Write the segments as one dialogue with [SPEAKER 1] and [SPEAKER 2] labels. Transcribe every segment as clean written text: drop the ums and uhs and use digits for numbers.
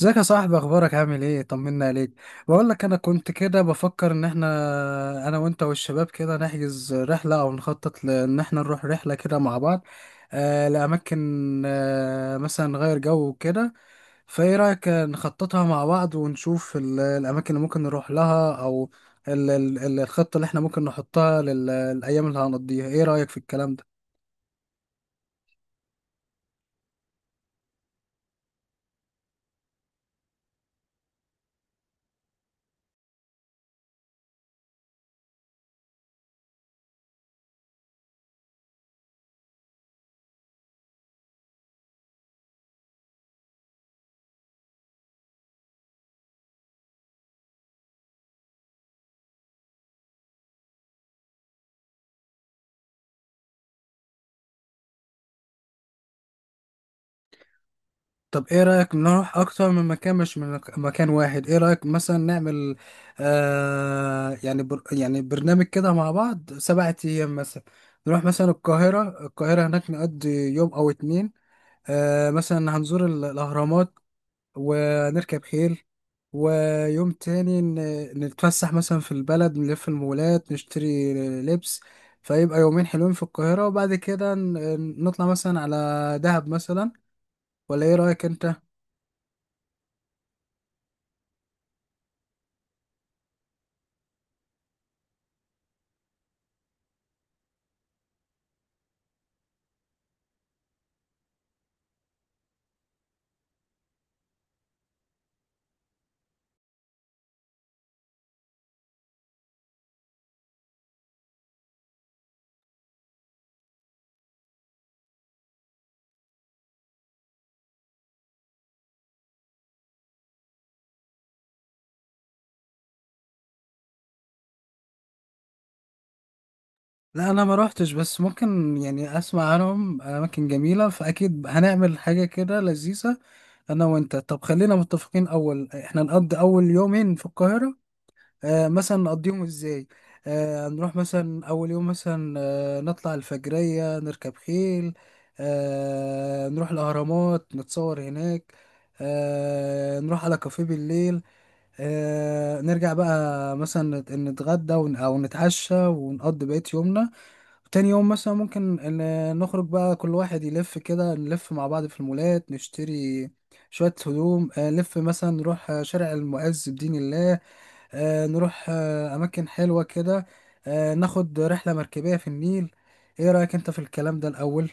[SPEAKER 1] ازيك يا صاحبي؟ اخبارك؟ عامل ايه؟ طمنا عليك. بقول لك انا كنت كده بفكر ان احنا انا وانت والشباب كده نحجز رحله او نخطط لان احنا نروح رحله كده مع بعض. لاماكن، مثلا نغير جو وكده. فايه رايك نخططها مع بعض ونشوف الاماكن اللي ممكن نروح لها، او الخطه اللي احنا ممكن نحطها للايام اللي هنقضيها. ايه رايك في الكلام ده؟ طب ايه رأيك نروح اكتر من مكان، مش من مكان واحد؟ ايه رأيك مثلا نعمل، آه يعني بر يعني برنامج كده مع بعض 7 ايام مثلا. نروح مثلا القاهرة، القاهرة هناك نقضي يوم او اتنين. مثلا هنزور الاهرامات ونركب خيل. ويوم تاني نتفسح مثلا في البلد، نلف المولات، نشتري لبس. فيبقى يومين حلوين في القاهرة، وبعد كده نطلع مثلا على دهب مثلا. ولا ايه رأيك انت؟ لا انا ما روحتش، بس ممكن يعني اسمع عنهم اماكن جميله، فاكيد هنعمل حاجه كده لذيذه انا وانت. طب خلينا متفقين، اول احنا نقضي اول يومين في القاهره. مثلا نقضيهم ازاي؟ نروح مثلا اول يوم، مثلا نطلع الفجريه، نركب خيل. نروح الاهرامات، نتصور هناك. نروح على كافيه بالليل. نرجع بقى مثلا نتغدى او نتعشى ونقضي بقية يومنا. تاني يوم مثلا ممكن نخرج بقى، كل واحد يلف كده، نلف مع بعض في المولات، نشتري شوية هدوم. نلف مثلا، نروح شارع المعز بدين الله. نروح أماكن حلوة كده. ناخد رحلة مركبية في النيل. ايه رأيك انت في الكلام ده الأول؟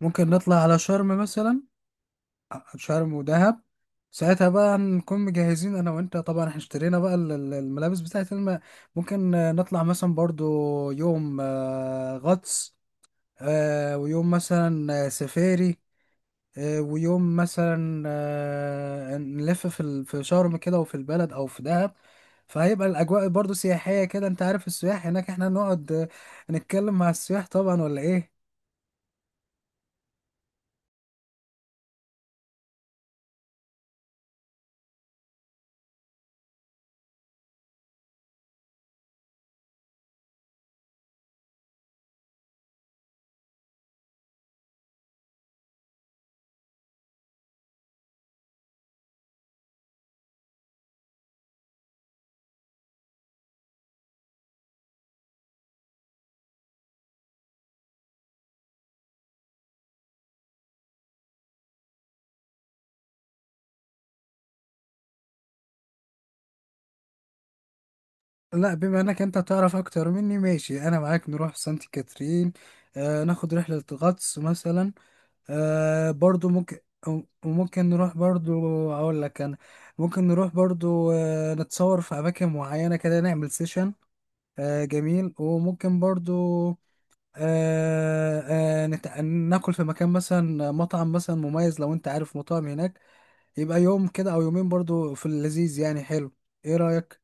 [SPEAKER 1] ممكن نطلع على شرم مثلا. شرم ودهب، ساعتها بقى نكون مجهزين انا وانت، طبعا احنا اشترينا بقى الملابس بتاعت ممكن نطلع مثلا برضو يوم غطس. ويوم مثلا سفاري. ويوم مثلا نلف في في شرم كده، وفي البلد او في دهب. فهيبقى الاجواء برضو سياحيه كده. انت عارف السياح هناك، احنا نقعد نتكلم مع السياح طبعا، ولا ايه؟ لا، بما انك انت تعرف اكتر مني، ماشي انا معاك نروح سانت كاترين. ناخد رحله غطس مثلا. برضو ممكن. وممكن نروح برضو، اقول لك انا، ممكن نروح برضو نتصور في اماكن معينه كده، نعمل سيشن. جميل. وممكن برضو آه ناكل في مكان مثلا، مطعم مثلا مميز لو انت عارف مطاعم هناك. يبقى يوم كده او يومين برضو في اللذيذ، يعني حلو. ايه رأيك؟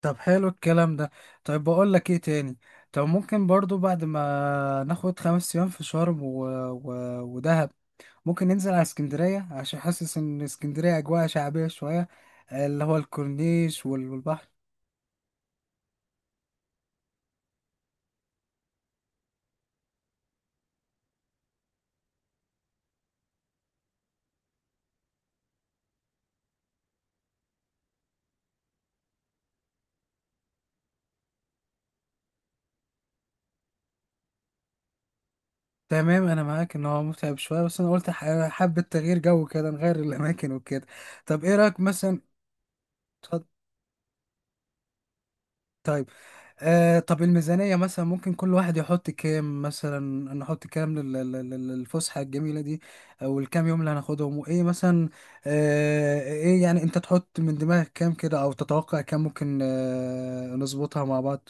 [SPEAKER 1] طب حلو الكلام ده. طيب بقول لك ايه تاني، طب ممكن برضو بعد ما ناخد 5 ايام في شرم ودهب، ممكن ننزل على اسكندرية، عشان حاسس ان اسكندرية اجواء شعبية شوية، اللي هو الكورنيش والبحر. تمام انا معاك ان هو متعب شويه، بس انا قلت حابه تغيير جو كده، نغير الاماكن وكده. طب ايه رايك مثلا؟ اتفضل. طيب، طب الميزانيه مثلا ممكن كل واحد يحط كام مثلا؟ نحط كام للفسحه الجميله دي؟ او الكام يوم اللي هناخدهم، وايه مثلا؟ ايه يعني، انت تحط من دماغك كام كده، او تتوقع كام ممكن، نظبطها مع بعض.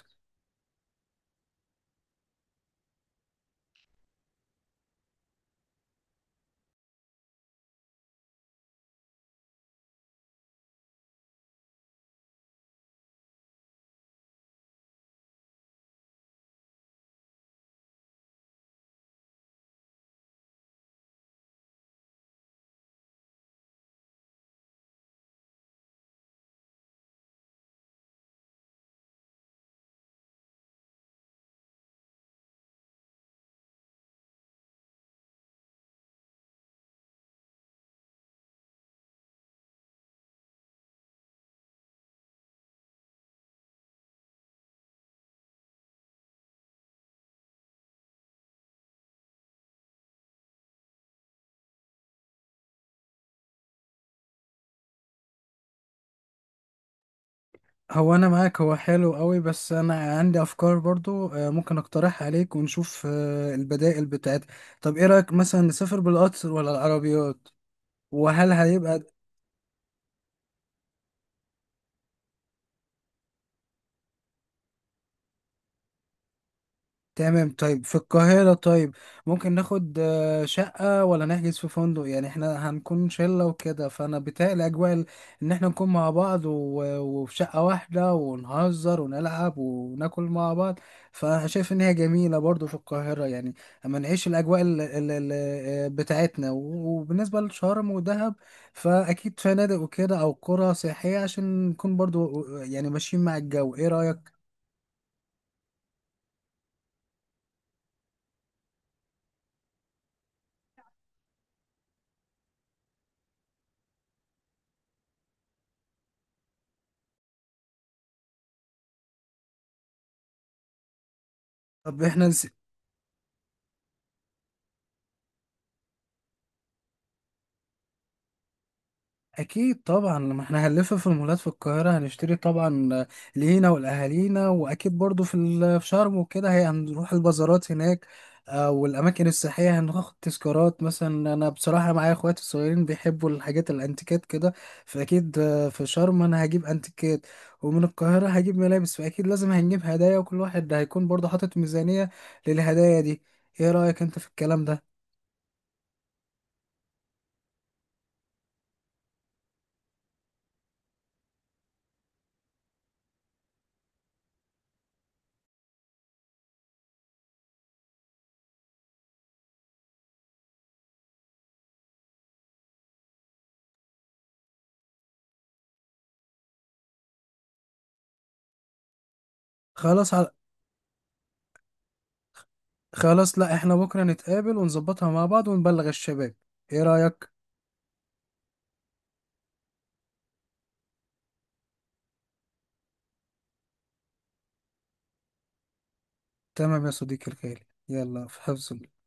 [SPEAKER 1] هو انا معاك، هو حلو قوي، بس انا عندي افكار برضو، ممكن اقترحها عليك ونشوف البدائل بتاعتها. طب ايه رايك مثلا نسافر بالقطر ولا العربيات؟ وهل هيبقى تمام؟ طيب في القاهرة، طيب ممكن ناخد شقة، ولا نحجز في فندق؟ يعني احنا هنكون شلة وكده، فأنا بيتهيألي أجواء إن احنا نكون مع بعض وفي شقة واحدة، ونهزر ونلعب وناكل مع بعض. فأنا شايف إن هي جميلة برضو في القاهرة يعني، أما نعيش الأجواء بتاعتنا. وبالنسبة لشرم ودهب، فأكيد فنادق وكده، أو قرى سياحية، عشان نكون برضو، يعني ماشيين مع الجو. إيه رأيك؟ طب احنا اكيد طبعا لما احنا هنلف في المولات في القاهره هنشتري طبعا لينا والاهالينا، واكيد برضو في في شرم وكده، هي هنروح البازارات هناك، والاماكن السياحيه، هناخد تذكارات مثلا. انا بصراحه معايا اخواتي الصغيرين بيحبوا الحاجات الانتيكات كده، فاكيد في شرم انا هجيب انتيكات، ومن القاهره هجيب ملابس. فاكيد لازم هنجيب هدايا، وكل واحد هيكون برضو حاطط ميزانيه للهدايا دي. ايه رايك انت في الكلام ده؟ خلاص. خلاص، لا احنا بكرة نتقابل ونظبطها مع بعض ونبلغ الشباب. ايه رأيك؟ تمام يا صديقي الغالي، يلا في حفظ الله.